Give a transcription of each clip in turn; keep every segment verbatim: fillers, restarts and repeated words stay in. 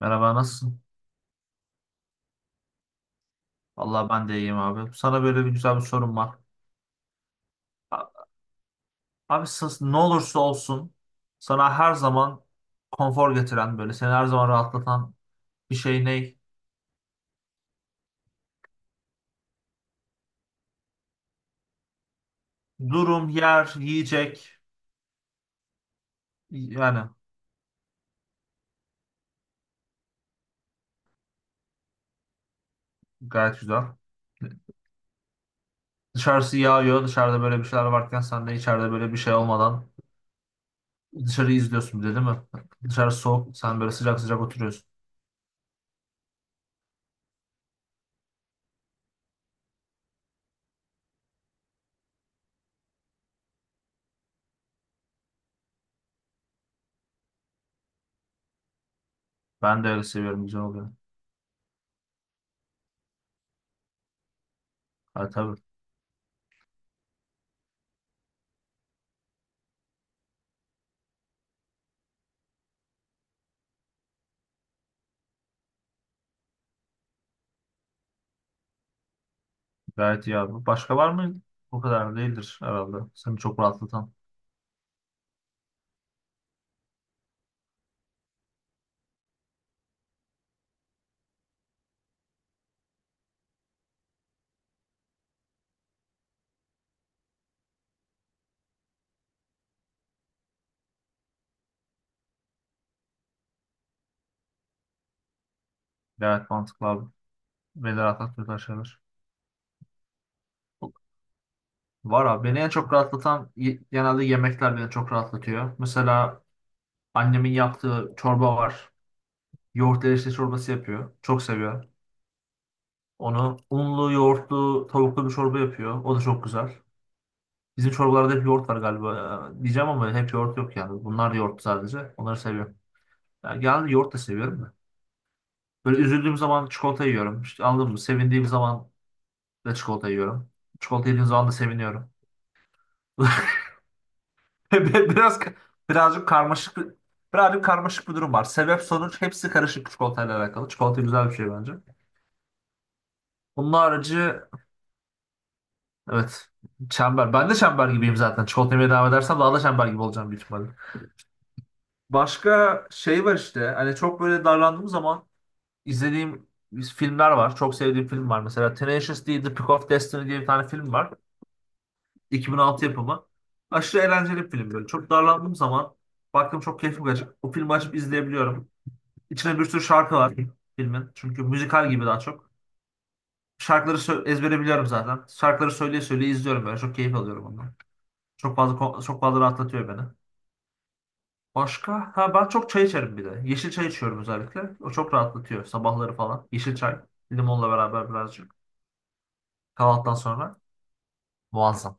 Merhaba nasılsın? Vallahi ben de iyiyim abi. Sana böyle bir güzel bir sorum var. A- Abi sus- ne olursa olsun sana her zaman konfor getiren böyle seni her zaman rahatlatan bir şey ne? Durum, yer, yiyecek yani gayet güzel. Dışarısı yağıyor, dışarıda böyle bir şeyler varken sen de içeride böyle bir şey olmadan dışarıyı izliyorsun bir de, değil mi? Dışarı soğuk, sen böyle sıcak sıcak oturuyorsun. Ben de öyle seviyorum, güzel oluyor. Ha, tabii. Gayet iyi abi. Başka var mı? O kadar değildir herhalde. Seni çok rahatlatan. Gayet mantıklı abi. Beni rahatlatıyor şeyler. Var abi. Beni en çok rahatlatan y- genelde yemekler beni çok rahatlatıyor. Mesela annemin yaptığı çorba var. Yoğurt erişte çorbası yapıyor. Çok seviyor. Onu unlu, yoğurtlu, tavuklu bir çorba yapıyor. O da çok güzel. Bizim çorbalarda hep yoğurt var galiba. Ee, Diyeceğim ama hep yoğurt yok yani. Bunlar yoğurt sadece. Onları seviyorum. Yani genelde yoğurt da seviyorum. Böyle üzüldüğüm zaman çikolata yiyorum. İşte, anladın mı? Sevindiğim zaman da çikolata yiyorum. Çikolata yediğim zaman da seviniyorum. Biraz birazcık karmaşık bir- birazcık karmaşık bir durum var. Sebep sonuç hepsi karışık, çikolatayla alakalı. Çikolata güzel bir şey bence. Bunun harici, evet, çember. Ben de çember gibiyim zaten. Çikolata yemeye devam edersem daha da çember gibi olacağım büyük ihtimalle. Başka şey var işte. Hani çok böyle darlandığım zaman izlediğim filmler var. Çok sevdiğim film var. Mesela Tenacious D, The Pick of Destiny diye bir tane film var. iki bin altı yapımı. Aşırı eğlenceli bir film böyle. Çok darlandığım zaman baktım, çok keyifli kaçıp o filmi açıp izleyebiliyorum. İçine bir sürü şarkı var filmin. Çünkü müzikal gibi daha çok. Şarkıları sö- ezbere biliyorum zaten. Şarkıları söyleye söyleye izliyorum böyle. Çok keyif alıyorum ondan. Çok fazla ko- çok fazla rahatlatıyor beni. Başka? Ha, ben çok çay içerim bir de. Yeşil çay içiyorum özellikle. O çok rahatlatıyor sabahları falan. Yeşil çay. Limonla beraber birazcık. Kahvaltıdan sonra. Muazzam.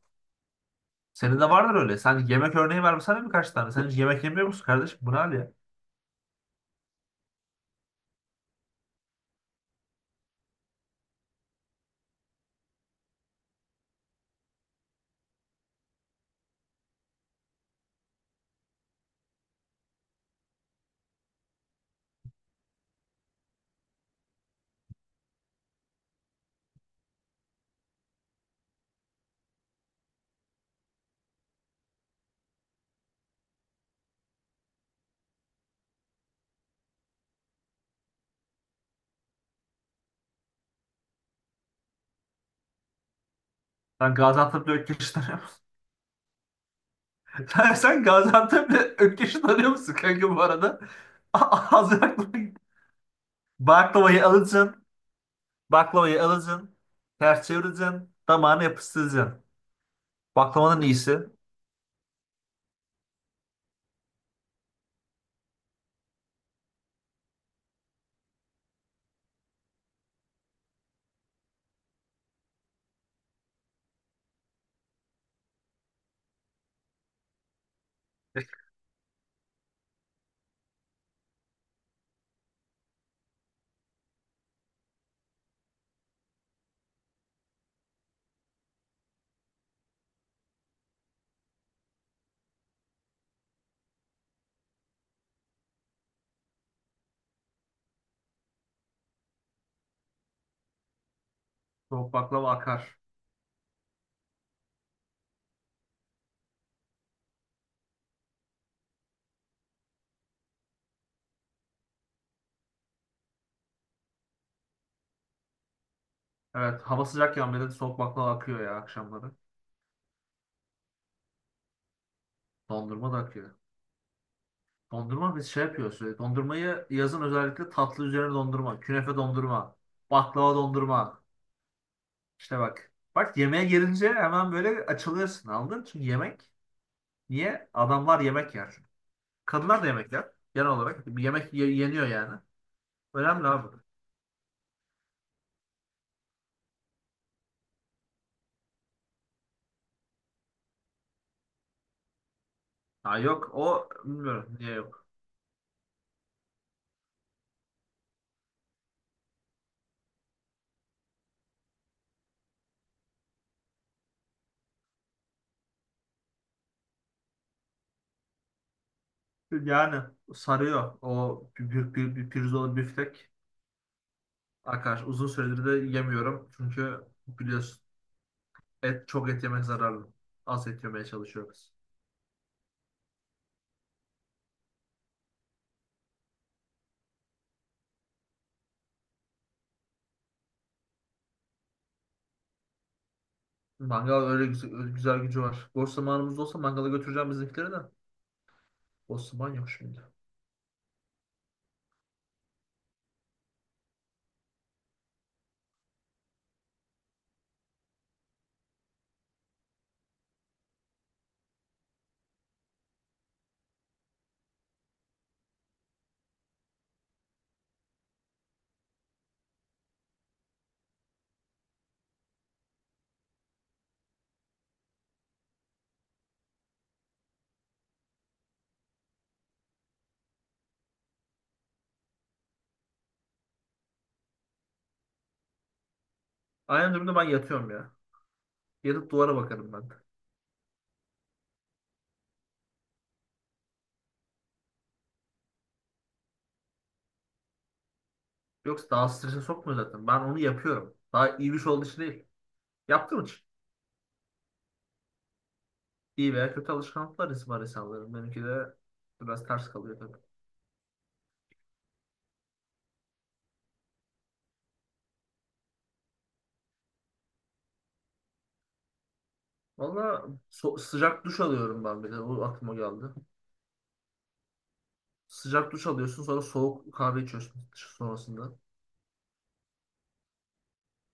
Senin de vardır öyle. Sen yemek örneği vermesene birkaç tane. Sen hiç yemek yemiyor musun kardeşim? Bu ne hal ya? Sen Gaziantep'le Ökkeş'i tanıyor musun? Sen, sen Gaziantep'le Ökkeş'i tanıyor musun kanka bu arada? A- Az baklava, baklavayı alacaksın. Baklavayı alacaksın. Ters çevireceksin. Damağına yapıştıracaksın. Baklavanın iyisi. Soğuk baklava akar. Evet, hava sıcakken bile soğuk baklava akıyor ya akşamları. Dondurma da akıyor. Dondurma biz şey yapıyoruz sürekli. Dondurmayı yazın özellikle tatlı üzerine dondurma. Künefe dondurma. Baklava dondurma. İşte bak. Bak, yemeğe gelince hemen böyle açılıyorsun, anladın? Çünkü yemek. Niye? Adamlar yemek yer. Kadınlar da yemek yer. Genel olarak. Bir yemek ye- yeniyor yani. Önemli abi. Ha, yok o, bilmiyorum niye yok. Yani sarıyor. O bir, bir, bir bir pirzola büftek. Arkadaş uzun süredir de yemiyorum. Çünkü biliyorsun et, çok et yemek zararlı. Az et yemeye çalışıyoruz. Mangal öyle güzel, güzel gücü var. Boş zamanımız olsa mangala götüreceğim bizimkileri de. Boş zaman yok şimdi. Aynı durumda ben yatıyorum ya. Yatıp duvara bakarım ben de. Yoksa daha strese sokmuyor zaten. Ben onu yapıyorum. Daha iyi bir şey olduğu için değil. Yaptığım için. İyi veya kötü alışkanlıklar var insanların. Benimki de biraz ters kalıyor tabii. Valla so- sıcak duş alıyorum ben bir de. O aklıma geldi. Sıcak duş alıyorsun, sonra soğuk kahve içiyorsun sonrasında.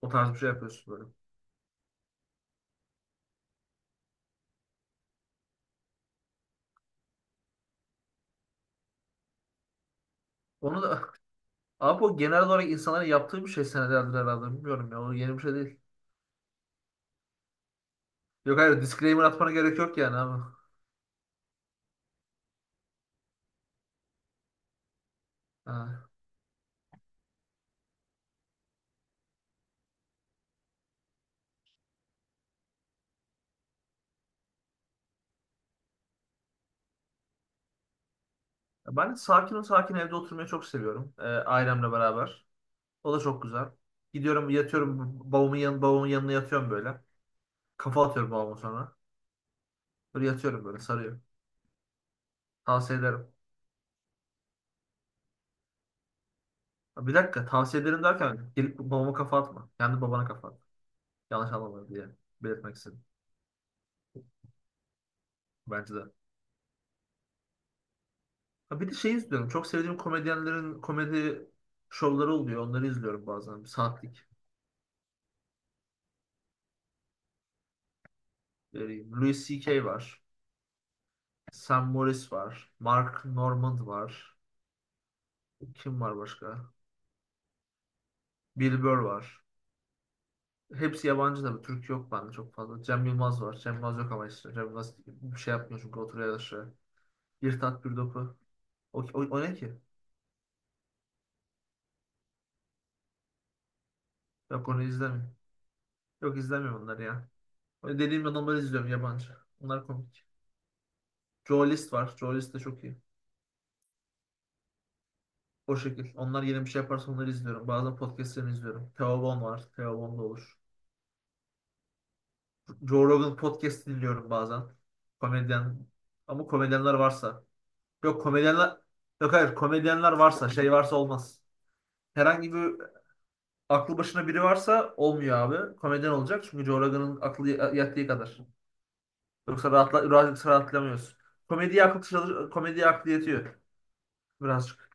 O tarz bir şey yapıyorsun böyle. Onu da abi o genel olarak insanların yaptığı bir şey senelerdir herhalde. Bilmiyorum ya. O yeni bir şey değil. Yok, hayır, disclaimer atmana gerek yok yani abi. Ha. Ben sakin sakin evde oturmayı çok seviyorum. Ee, ailemle beraber. O da çok güzel. Gidiyorum yatıyorum babamın, yan, babamın yanına yatıyorum böyle. Kafa atıyorum babama sonra. Böyle yatıyorum, böyle sarıyor. Tavsiye ederim. Ha, bir dakika, tavsiye ederim derken gelip babama kafa atma. Kendi babana kafa at. Yanlış anlamadım diye belirtmek istedim. Bence de. Ha, bir de şey izliyorum. Çok sevdiğim komedyenlerin komedi şovları oluyor. Onları izliyorum bazen. Bir saatlik. Ee, Louis C K var. Sam Morris var. Mark Normand var. Kim var başka? Bill Burr var. Hepsi yabancı tabii. Türk yok bende çok fazla. Cem Yılmaz var. Cem Yılmaz yok ama işte. Cem Yılmaz bir şey yapmıyor çünkü oturuyor yaşıyor. Bir tat bir dopu. O, o, o ne ki? Yok, onu izlemiyorum. Yok, izlemiyorum onları ya. Öyle dediğim adamları izliyorum, yabancı. Onlar komik. Joe List var. Joe List de çok iyi. O şekil. Onlar yeni bir şey yaparsa onları izliyorum. Bazen podcastlerini izliyorum. Theo Von var. Theo Von da olur. Joe Rogan podcast dinliyorum bazen. Komedyen. Ama komedyenler varsa. Yok, komedyenler, yok hayır, komedyenler varsa şey varsa olmaz. Herhangi bir aklı başına biri varsa olmuyor abi. Komedyen olacak çünkü Joe Rogan'ın aklı yattığı kadar. Yoksa rahatla birazcık rahatlamıyoruz. Komediye akıl çalış- komediye aklı yetiyor birazcık.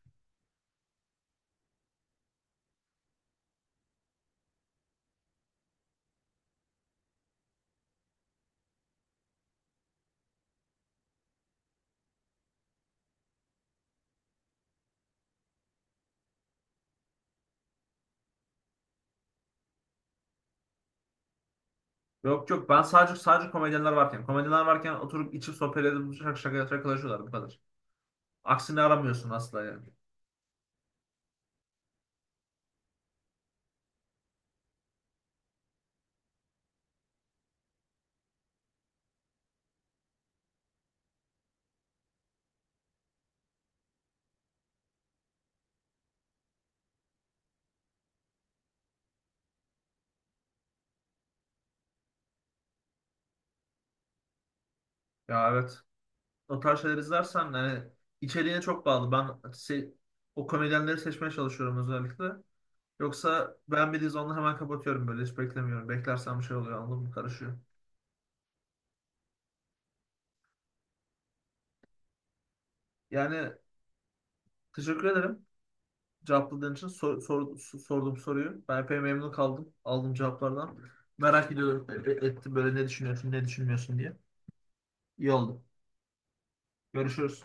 Yok yok, ben sadece sadece komedyenler varken komedyenler varken oturup içip sohbet edip şaka şaka şakalaşıyorlar, bu kadar. Aksini aramıyorsun asla yani. Ya, evet. O tarz şeyler izlersen yani içeriğine çok bağlı. Ben se- o komedyenleri seçmeye çalışıyorum özellikle. Yoksa beğenmediğiniz onu hemen kapatıyorum böyle, hiç beklemiyorum. Beklersem şey oluyor, anladın mı? Karışıyor. Yani teşekkür ederim cevapladığın için. Sor, sor- sorduğum soruyu. Ben epey memnun kaldım aldığım cevaplardan. Merak ediyorum, e- e- ettim böyle, ne düşünüyorsun ne düşünmüyorsun diye. İyi oldu. Görüşürüz.